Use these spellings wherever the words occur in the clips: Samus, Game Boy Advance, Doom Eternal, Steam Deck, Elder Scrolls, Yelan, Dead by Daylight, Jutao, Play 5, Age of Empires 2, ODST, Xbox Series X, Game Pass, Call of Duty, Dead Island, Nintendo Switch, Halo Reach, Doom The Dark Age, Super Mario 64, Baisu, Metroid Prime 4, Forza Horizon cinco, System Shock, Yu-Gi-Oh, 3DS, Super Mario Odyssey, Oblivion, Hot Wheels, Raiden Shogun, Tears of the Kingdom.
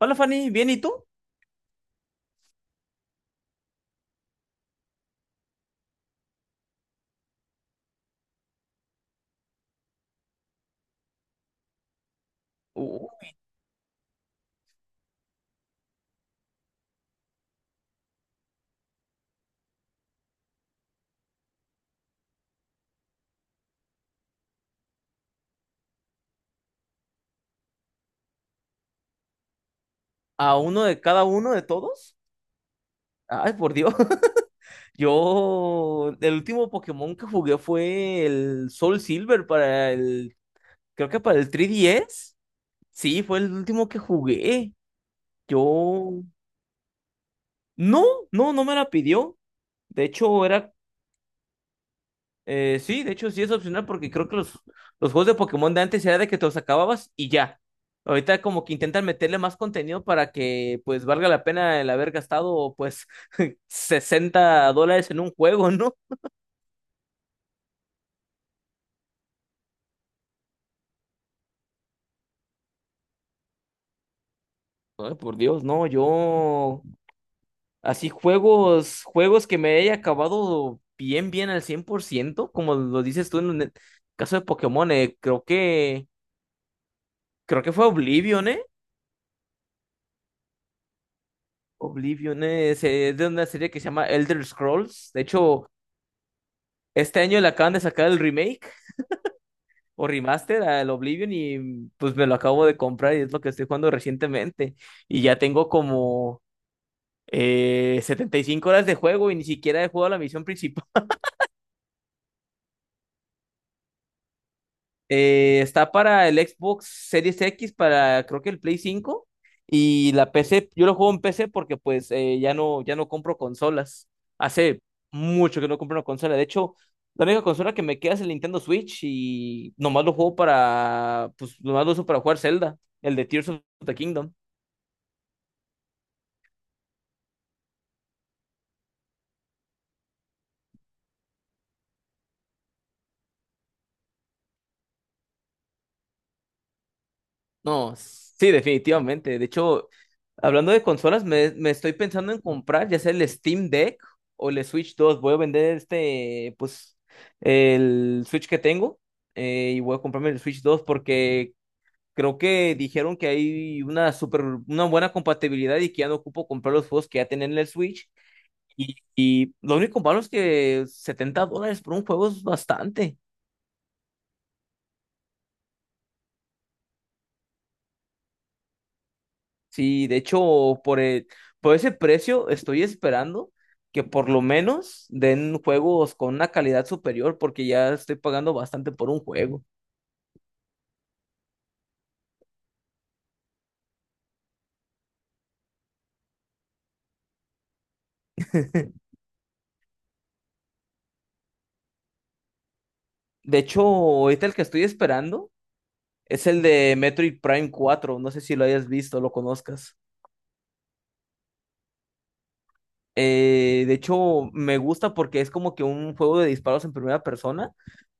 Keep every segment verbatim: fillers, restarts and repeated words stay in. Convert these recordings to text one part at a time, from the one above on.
Hola Fanny, ¿bien y tú? Uh, ¿a uno de cada uno de todos? Ay, por Dios. Yo, el último Pokémon que jugué fue el Soul Silver para el, creo que para el tres D S. Sí, fue el último que jugué. Yo, no, no, no me la pidió. De hecho, era... Eh, sí, de hecho sí es opcional porque creo que los, los juegos de Pokémon de antes era de que te los acababas y ya. Ahorita como que intentan meterle más contenido para que pues valga la pena el haber gastado pues sesenta dólares en un juego, ¿no? Ay, por Dios, no, yo así juegos, juegos que me haya acabado bien, bien al cien por ciento como lo dices tú en el caso de Pokémon, eh, creo que, creo que fue Oblivion, ¿eh? Oblivion es, eh, de una serie que se llama Elder Scrolls. De hecho, este año le acaban de sacar el remake o remaster al Oblivion y pues me lo acabo de comprar y es lo que estoy jugando recientemente. Y ya tengo como eh, 75 horas de juego y ni siquiera he jugado la misión principal. Eh, está para el Xbox Series X, para creo que el Play cinco y la P C. Yo lo juego en P C porque pues eh, ya no, ya no compro consolas. Hace mucho que no compro una consola. De hecho, la única consola que me queda es el Nintendo Switch y nomás lo juego para, pues nomás lo uso para jugar Zelda, el de Tears of the Kingdom. No, sí, definitivamente. De hecho, hablando de consolas, me, me estoy pensando en comprar ya sea el Steam Deck o el Switch dos. Voy a vender este, pues, el Switch que tengo eh, y voy a comprarme el Switch dos porque creo que dijeron que hay una super, una buena compatibilidad y que ya no ocupo comprar los juegos que ya tienen en el Switch. Y, y lo único malo es que setenta dólares por un juego es bastante. Sí, de hecho, por, e- por ese precio estoy esperando que por lo menos den juegos con una calidad superior porque ya estoy pagando bastante por un juego. De hecho, ahorita el que estoy esperando es el de Metroid Prime cuatro. No sé si lo hayas visto, lo conozcas. Eh, de hecho, me gusta porque es como que un juego de disparos en primera persona,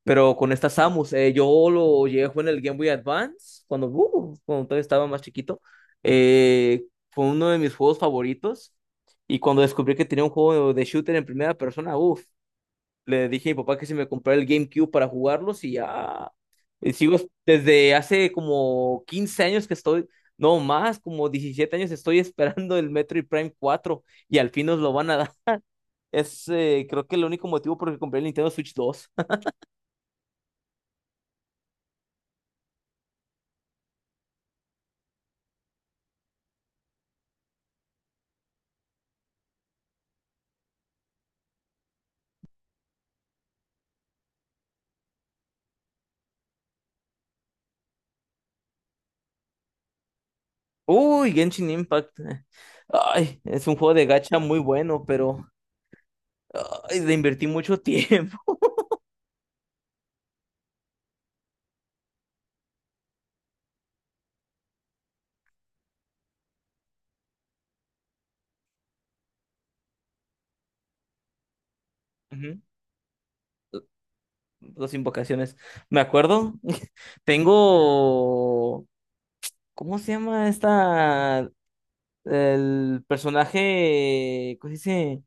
pero con esta Samus. Eh, yo lo llegué a jugar en el Game Boy Advance cuando, uh, cuando todavía estaba más chiquito. Eh, fue uno de mis juegos favoritos. Y cuando descubrí que tenía un juego de shooter en primera persona, uff, le dije a mi papá que si me comprara el GameCube para jugarlos y ya. Y sigo desde hace como quince años que estoy, no más, como diecisiete años estoy esperando el Metroid Prime cuatro y al fin nos lo van a dar. Es eh, creo que el único motivo por el que compré el Nintendo Switch dos. Uy, Genshin Impact. Ay, es un juego de gacha muy bueno, pero ay, le invertí mucho tiempo. Ujú. Dos invocaciones. Me acuerdo, tengo... ¿Cómo se llama esta? El personaje, ¿cómo se dice?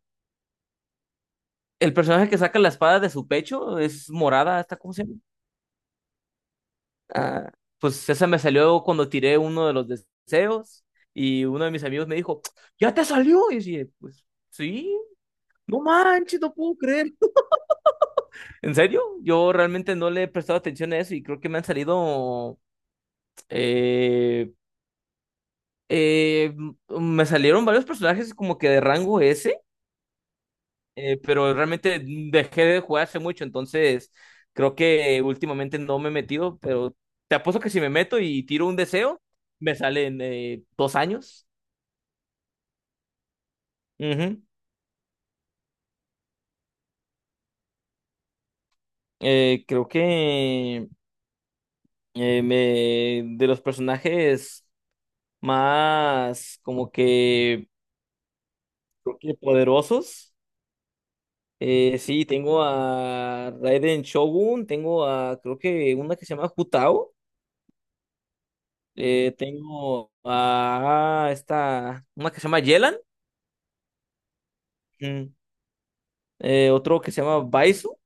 El personaje que saca la espada de su pecho es morada, ¿esta cómo se llama? Ah, pues esa me salió cuando tiré uno de los deseos y uno de mis amigos me dijo, ¿ya te salió? Y yo dije, pues sí, no manches, no puedo creer. ¿En serio? Yo realmente no le he prestado atención a eso y creo que me han salido... eh, eh, m- me salieron varios personajes como que de rango S. Eh, pero realmente dejé de jugar hace mucho, entonces creo que últimamente no me he metido, pero te apuesto que si me meto y tiro un deseo, me salen eh, dos años. Ujú. Eh, creo que eh, me, de los personajes más como que, creo que poderosos, eh, sí, tengo a Raiden Shogun, tengo a creo que una que se llama Jutao. Eh, tengo a esta, una que se llama Yelan. mm, eh, otro que se llama Baisu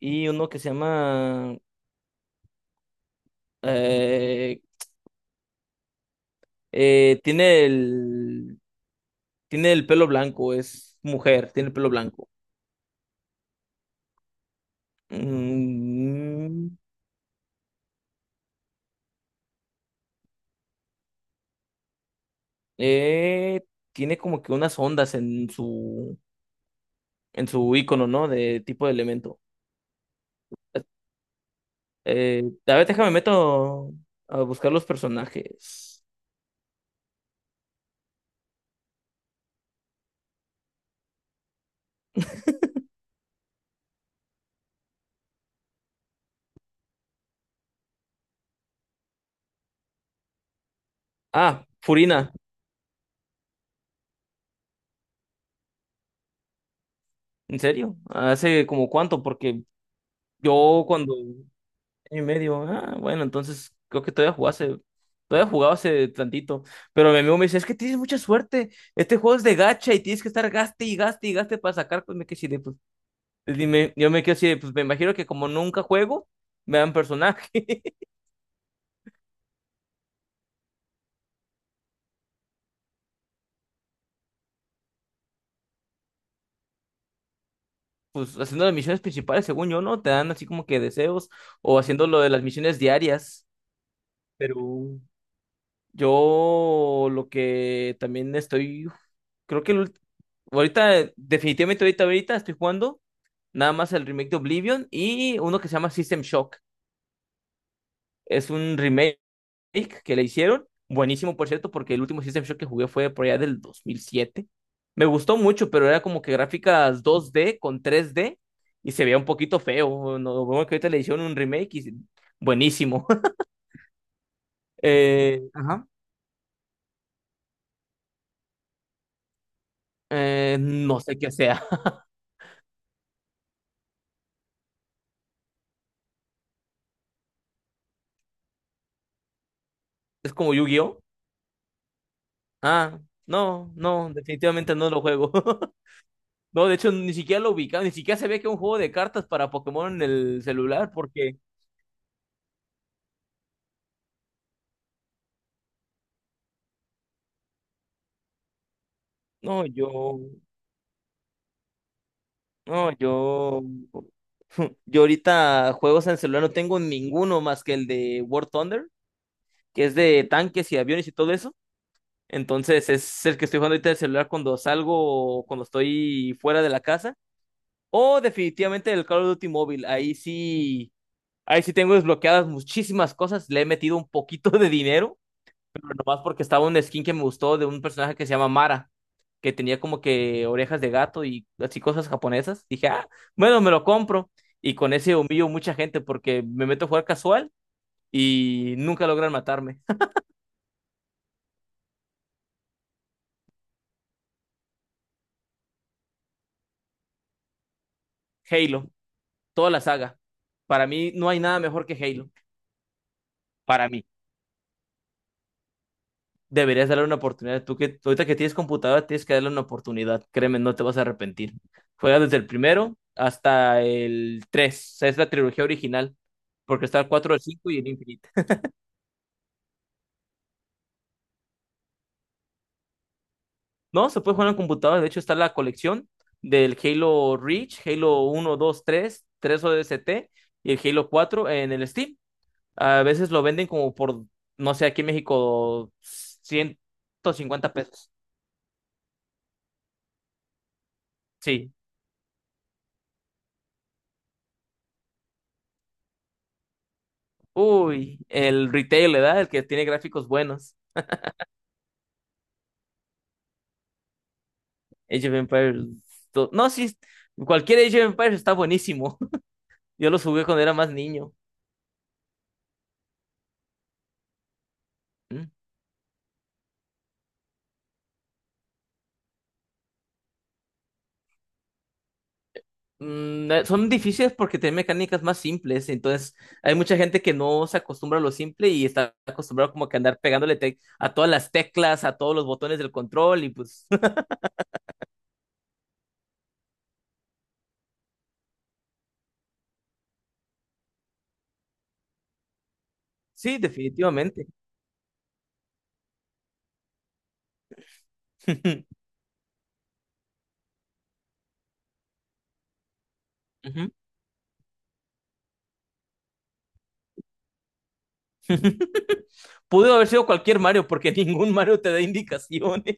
y uno que se llama eh, eh, tiene el tiene el pelo blanco, es mujer, tiene el pelo blanco. Mm, eh, tiene como que unas ondas en su en su icono, ¿no? De tipo de elemento. Eh, a ver, déjame meto a buscar los personajes. Ah, Furina. ¿En serio? ¿Hace como cuánto? Porque yo cuando... año y medio, ah, bueno, entonces creo que todavía jugaba hace, todavía jugaba hace tantito. Pero mi amigo me dice, es que tienes mucha suerte. Este juego es de gacha y tienes que estar gaste y gaste y gaste para sacar, pues me quedé así de, pues, dime, yo me quedé así de, pues me imagino que como nunca juego, me dan personaje. Pues haciendo las misiones principales, según yo, ¿no? Te dan así como que deseos, o haciendo lo de las misiones diarias. Pero yo lo que también estoy, creo que el... ahorita, definitivamente ahorita, ahorita estoy jugando nada más el remake de Oblivion y uno que se llama System Shock. Es un remake que le hicieron. Buenísimo, por cierto, porque el último System Shock que jugué fue por allá del dos mil siete. Me gustó mucho, pero era como que gráficas dos d con tres d y se veía un poquito feo. No, bueno, que ahorita le hicieron un remake y buenísimo. Eh, ajá. Eh, no sé qué sea. Es como Yu-Gi-Oh. Ah, no, no, definitivamente no lo juego. No, de hecho, ni siquiera lo ubicaba, ni siquiera sabía que era un juego de cartas para Pokémon en el celular, porque no, yo, no, yo, yo ahorita juegos en celular no tengo ninguno más que el de War Thunder, que es de tanques y aviones y todo eso. Entonces es el que estoy jugando ahorita en el celular cuando salgo, o cuando estoy fuera de la casa. O definitivamente el Call of Duty móvil, ahí sí, ahí sí tengo desbloqueadas muchísimas cosas, le he metido un poquito de dinero pero nomás porque estaba un skin que me gustó de un personaje que se llama Mara, que tenía como que orejas de gato y así cosas japonesas. Dije, ah, bueno, me lo compro. Y con ese humillo mucha gente porque me meto a jugar casual y nunca logran matarme. Halo, toda la saga. Para mí no hay nada mejor que Halo. Para mí, deberías darle una oportunidad. Tú que ahorita que tienes computadora, tienes que darle una oportunidad. Créeme, no te vas a arrepentir. Juega desde el primero hasta el tres. O sea, es la trilogía original. Porque está el cuatro, el cinco y el Infinite. No, se puede jugar en la computadora. De hecho, está la colección del Halo Reach, Halo uno, dos, tres, tres o d s t y el Halo cuatro en el Steam. A veces lo venden como por, no sé, aquí en México, ciento cincuenta pesos. Sí. Uy, el retail, ¿verdad? El que tiene gráficos buenos. Age of Empires dos. No, sí, cualquier Age of Empires está buenísimo. Yo lo jugué cuando era más niño. ¿Mm? Mm, eh, son difíciles porque tienen mecánicas más simples, entonces hay mucha gente que no se acostumbra a lo simple y está acostumbrado como que a andar pegándole tec- a todas las teclas, a todos los botones del control y pues sí, definitivamente. Ujú. Pudo haber sido cualquier Mario porque ningún Mario te da indicaciones.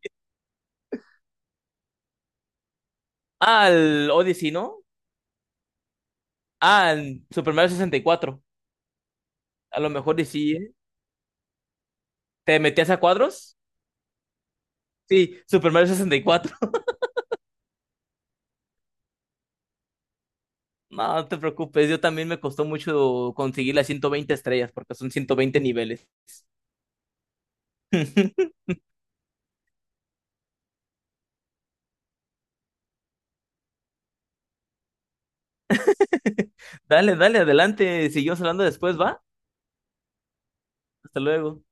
Al Odyssey, ¿no? Al Super Mario sesenta y cuatro, a lo mejor y sí, ¿eh? ¿Te metías a cuadros? Sí, Super Mario sesenta y cuatro. No, no te preocupes, yo también me costó mucho conseguir las ciento veinte estrellas porque son ciento veinte niveles. Dale, dale, adelante. Seguimos hablando después, ¿va? Hasta luego.